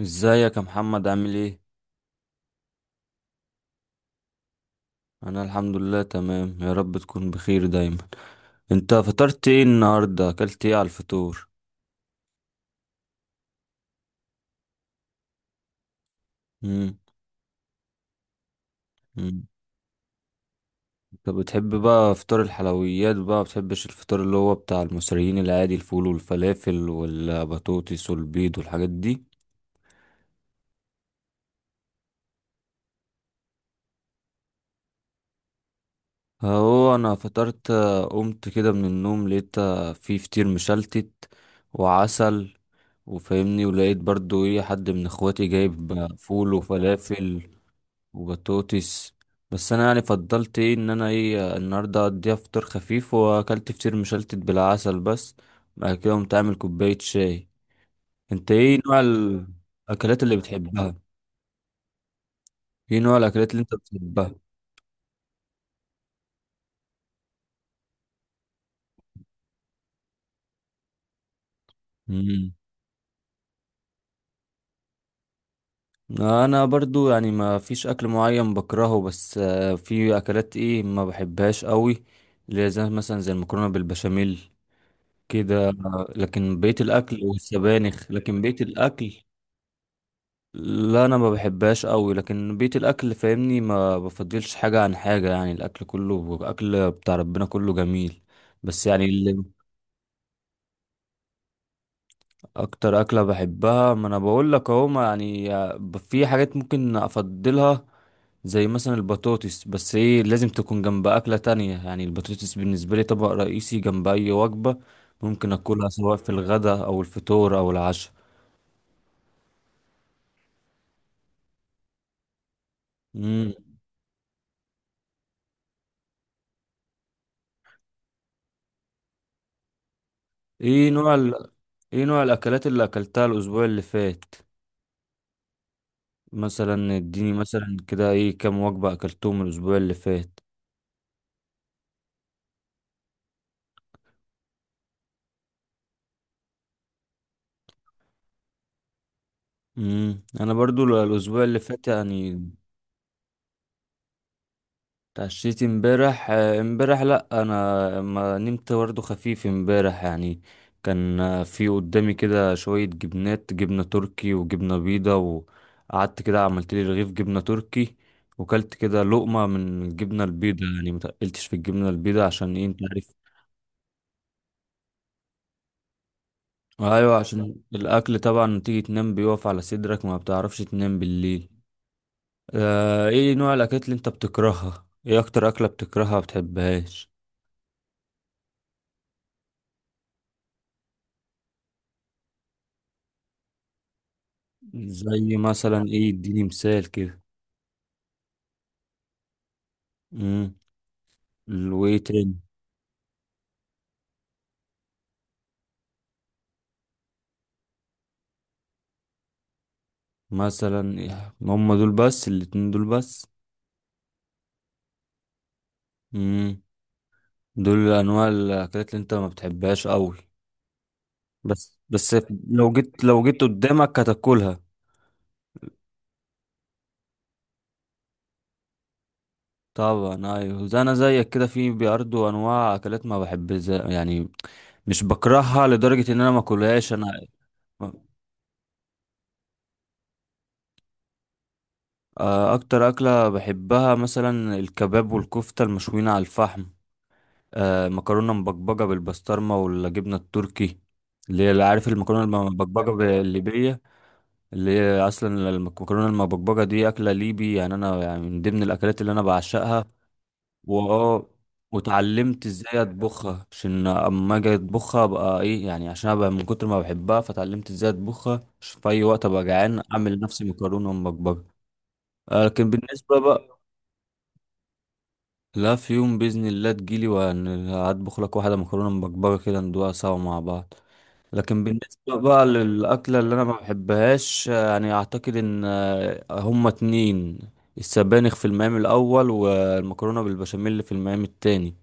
ازيك يا محمد، عامل ايه؟ انا الحمد لله تمام، يا رب تكون بخير دايما. انت فطرت ايه النهارده؟ اكلت ايه على الفطور؟ امم. انت بتحب بقى فطار الحلويات بقى ما بتحبش الفطار اللي هو بتاع المصريين العادي، الفول والفلافل والبطاطس والبيض والحاجات دي؟ هو انا فطرت، قمت كده من النوم لقيت في فطير مشلتت وعسل، وفاهمني، ولقيت برضو ايه حد من اخواتي جايب فول وفلافل وبطاطس. بس انا يعني فضلت ايه ان انا ايه النهارده اقضيها فطار خفيف، واكلت فطير مشلتت بالعسل بس. بعد كده قمت عامل كوبايه شاي. انت ايه نوع الاكلات اللي بتحبها؟ ايه نوع الاكلات اللي انت بتحبها؟ مم. انا برضو يعني ما فيش اكل معين بكرهه، بس في اكلات ايه ما بحبهاش قوي، اللي هي زي مثلا زي المكرونه بالبشاميل كده، لكن بقيه الاكل والسبانخ، لكن بقيه الاكل لا، انا ما بحبهاش قوي، لكن بيت الاكل فاهمني ما بفضلش حاجه عن حاجه، يعني الاكل كله اكل بتاع ربنا كله جميل. بس يعني اللي اكتر اكله بحبها، ما انا بقول لك اهو، ما يعني في حاجات ممكن افضلها، زي مثلا البطاطس، بس ايه لازم تكون جنب اكله تانية، يعني البطاطس بالنسبه لي طبق رئيسي جنب اي وجبه، ممكن اكلها سواء في الغداء او الفطور او العشاء. امم. ايه نوع ال... ايه نوع الاكلات اللي اكلتها الاسبوع اللي فات؟ مثلا اديني مثلا كده، ايه كام وجبة اكلتهم الاسبوع اللي فات؟ امم. انا برضو الاسبوع اللي فات، يعني اتعشيت امبارح لا انا ما نمت، برضو خفيف امبارح يعني. كان في قدامي كده شوية جبنات، جبنة تركي وجبنة بيضة، وقعدت كده عملت لي رغيف جبنة تركي، وكلت كده لقمة من الجبنة البيضة، يعني متقلتش في الجبنة البيضة عشان ايه، انت عارف. ايوه، عشان الاكل طبعا تيجي تنام بيقف على صدرك، ما بتعرفش تنام بالليل. ايه نوع الاكلات اللي انت بتكرهها؟ ايه اكتر اكله بتكرهها، ما بتحبهاش؟ زي مثلا ايه، اديني مثال كده. امم. وايه تاني؟ مثلا إيه؟ هم دول بس؟ الاتنين دول بس؟ امم. دول انواع الاكلات اللي انت ما بتحبهاش قوي؟ بس بس؟ لو جيت قدامك هتاكلها؟ طبعا، ايوه، زي انا زيك كده، في برضه انواع اكلات ما بحب زي يعني، مش بكرهها لدرجه ان انا ما اكلهاش انا. اكتر اكله بحبها مثلا الكباب والكفته المشويين على الفحم، مكرونه مبكبجه بالبسطرمه والجبنه التركي، اللي هي اللي عارف المكرونه المبكبجه الليبيه، اللي هي اصلا المكرونه المبكبجه دي اكله ليبي، يعني انا يعني من ضمن الاكلات اللي انا بعشقها. واه، واتعلمت ازاي اطبخها، عشان اما اجي اطبخها ابقى ايه، يعني عشان ابقى من كتر ما بحبها، فتعلمت ازاي اطبخها عشان في اي وقت ابقى جعان اعمل لنفسي مكرونه ومبكبكه. لكن بالنسبه بقى، لا، في يوم باذن الله تجيلي وهطبخ لك واحده مكرونه مبكبكه كده، ندوقها سوا مع بعض. لكن بالنسبه بقى للاكله اللي انا ما بحبهاش، يعني اعتقد ان هما اتنين، السبانخ في المقام الاول، والمكرونه بالبشاميل في المقام التاني.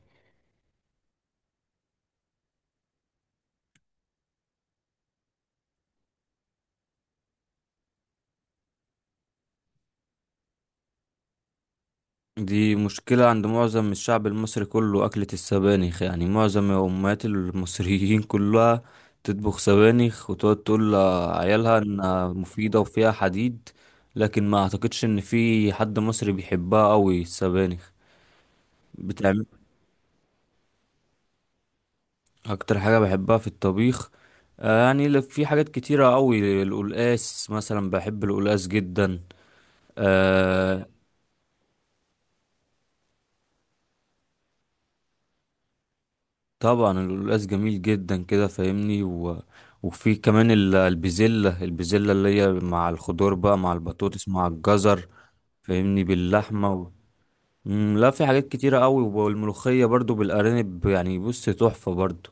دي مشكلة عند معظم الشعب المصري كله، أكلة السبانخ، يعني معظم أمهات المصريين كلها تطبخ سبانخ وتقعد تقول لعيالها إنها مفيدة وفيها حديد، لكن ما أعتقدش إن في حد مصري بيحبها أوي السبانخ. بتعمل أكتر حاجة بحبها في الطبيخ؟ يعني في حاجات كتيرة أوي، القلقاس مثلا، بحب القلقاس جدا. آه، طبعا القلقاس جميل جدا كده، فاهمني، وفي كمان البزلة اللي هي مع الخضار بقى، مع البطاطس، مع الجزر، فاهمني، باللحمة، مم، لا، في حاجات كتيرة قوي، والملوخية برضو بالأرانب، يعني بص تحفة برضو.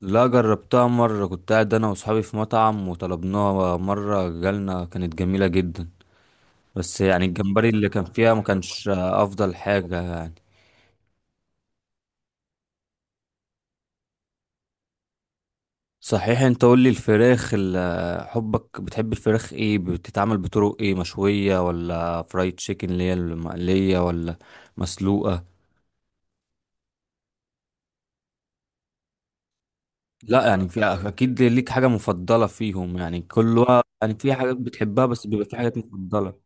لا، جربتها مرة، كنت قاعد أنا وأصحابي في مطعم وطلبناها، مرة جالنا كانت جميلة جدا، بس يعني الجمبري اللي كان فيها ما كانش أفضل حاجة يعني. صحيح، انت قول لي الفراخ ال- حبك بتحب الفراخ ايه، بتتعمل بطرق ايه، مشوية ولا فرايد تشيكن اللي هي المقلية ولا مسلوقة؟ لا يعني في، اكيد ليك حاجة مفضلة فيهم، يعني كل وقت يعني في حاجات بتحبها، بس بيبقى في حاجات مفضلة.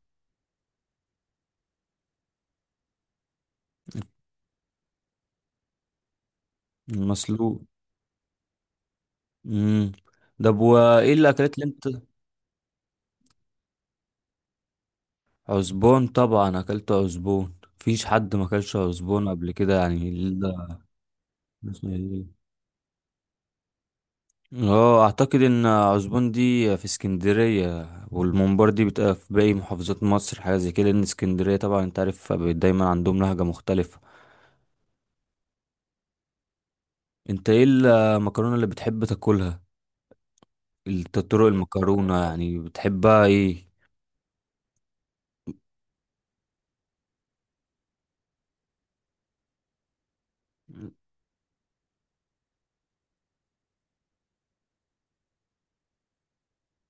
المسلوق. امم. ده، وايه الاكلات اللي انت؟ عزبون؟ طبعا اكلت عزبون، مفيش حد ما اكلش عزبون قبل كده يعني. ده اه، اعتقد ان عزبون دي في اسكندرية، والممبار دي بتبقى في باقي محافظات مصر، حاجة زي كده، لان اسكندرية طبعا انت عارف دايما عندهم لهجة مختلفة. انت ايه المكرونة اللي بتحب تاكلها؟ طرق المكرونة يعني بتحبها ايه؟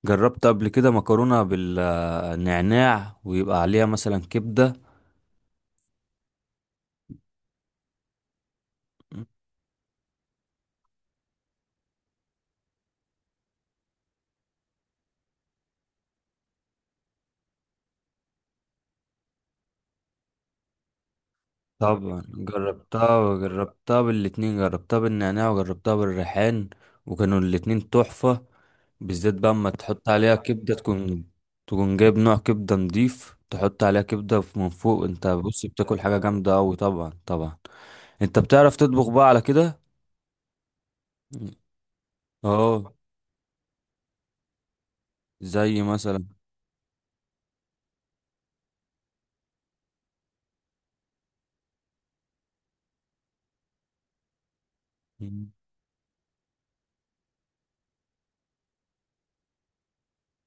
جربت قبل كده مكرونة بالنعناع ويبقى عليها مثلا كبدة؟ طبعا جربتها، وجربتها بالاتنين، جربتها بالنعناع، وجربتها بالريحان، وكانوا الاتنين تحفة، بالذات بقى اما تحط عليها كبدة تكون. جايب نوع كبدة نضيف، تحط عليها كبدة من فوق، انت بص بتاكل حاجة جامدة اوي، طبعا طبعا. انت بتعرف تطبخ بقى على كده؟ اه، زي مثلا؟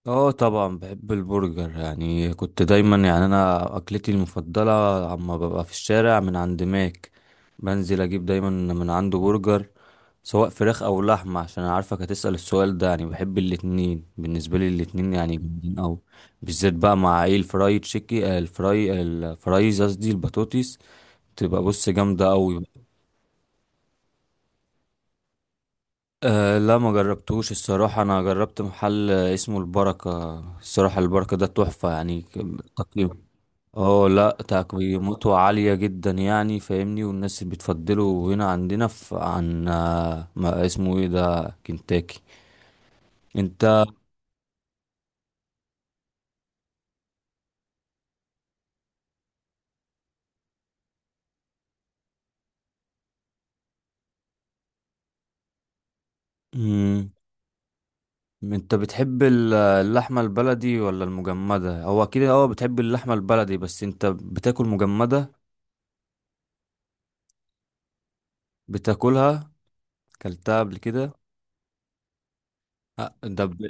اه، طبعا بحب البرجر، يعني كنت دايما يعني انا اكلتي المفضله عما ببقى في الشارع من عند ماك، بنزل اجيب دايما من عنده برجر، سواء فراخ او لحمه، عشان أنا عارفك هتسأل السؤال ده، يعني بحب الاتنين، بالنسبه لي الاتنين يعني جامدين اوي، بالذات بقى مع ايه الفراي تشيكي، الفراي، الفرايز قصدي، البطاطس، تبقى بص جامده اوي. أه لا، ما جربتوش الصراحة، أنا جربت محل اسمه البركة، الصراحة البركة ده تحفة يعني. تقييم؟ اه لا، تقييماته عالية جدا، يعني فاهمني، والناس بتفضله هنا عندنا في عن ما اسمه ايه ده، كنتاكي. انت. مم. انت بتحب اللحمة البلدي ولا المجمدة؟ هو اكيد اه بتحب اللحمة البلدي، بس انت بتاكل مجمدة؟ بتاكلها؟ كلتها قبل كده؟ ده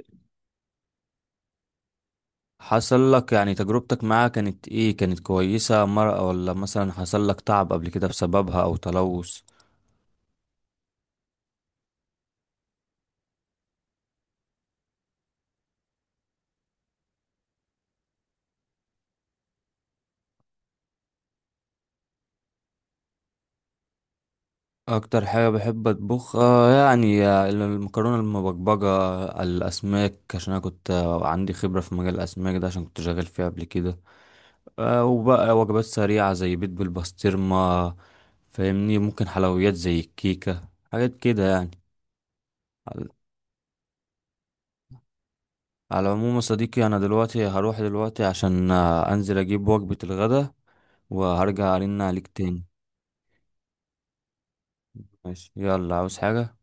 حصل لك يعني تجربتك معاها كانت ايه، كانت كويسة مرة، ولا مثلا حصل لك تعب قبل كده بسببها او تلوث؟ اكتر حاجه بحب اطبخها يعني المكرونه المبكبجه، الاسماك عشان انا كنت عندي خبره في مجال الاسماك ده، عشان كنت شغال فيه قبل كده، وبقى وجبات سريعه زي بيض بالبسطرمه، فاهمني، ممكن حلويات زي الكيكه، حاجات كده يعني. على على العموم يا صديقي انا دلوقتي هروح دلوقتي، عشان انزل اجيب وجبه الغدا، وهرجع ارن عليك تاني. ماشي، يلا، عاوز حاجه؟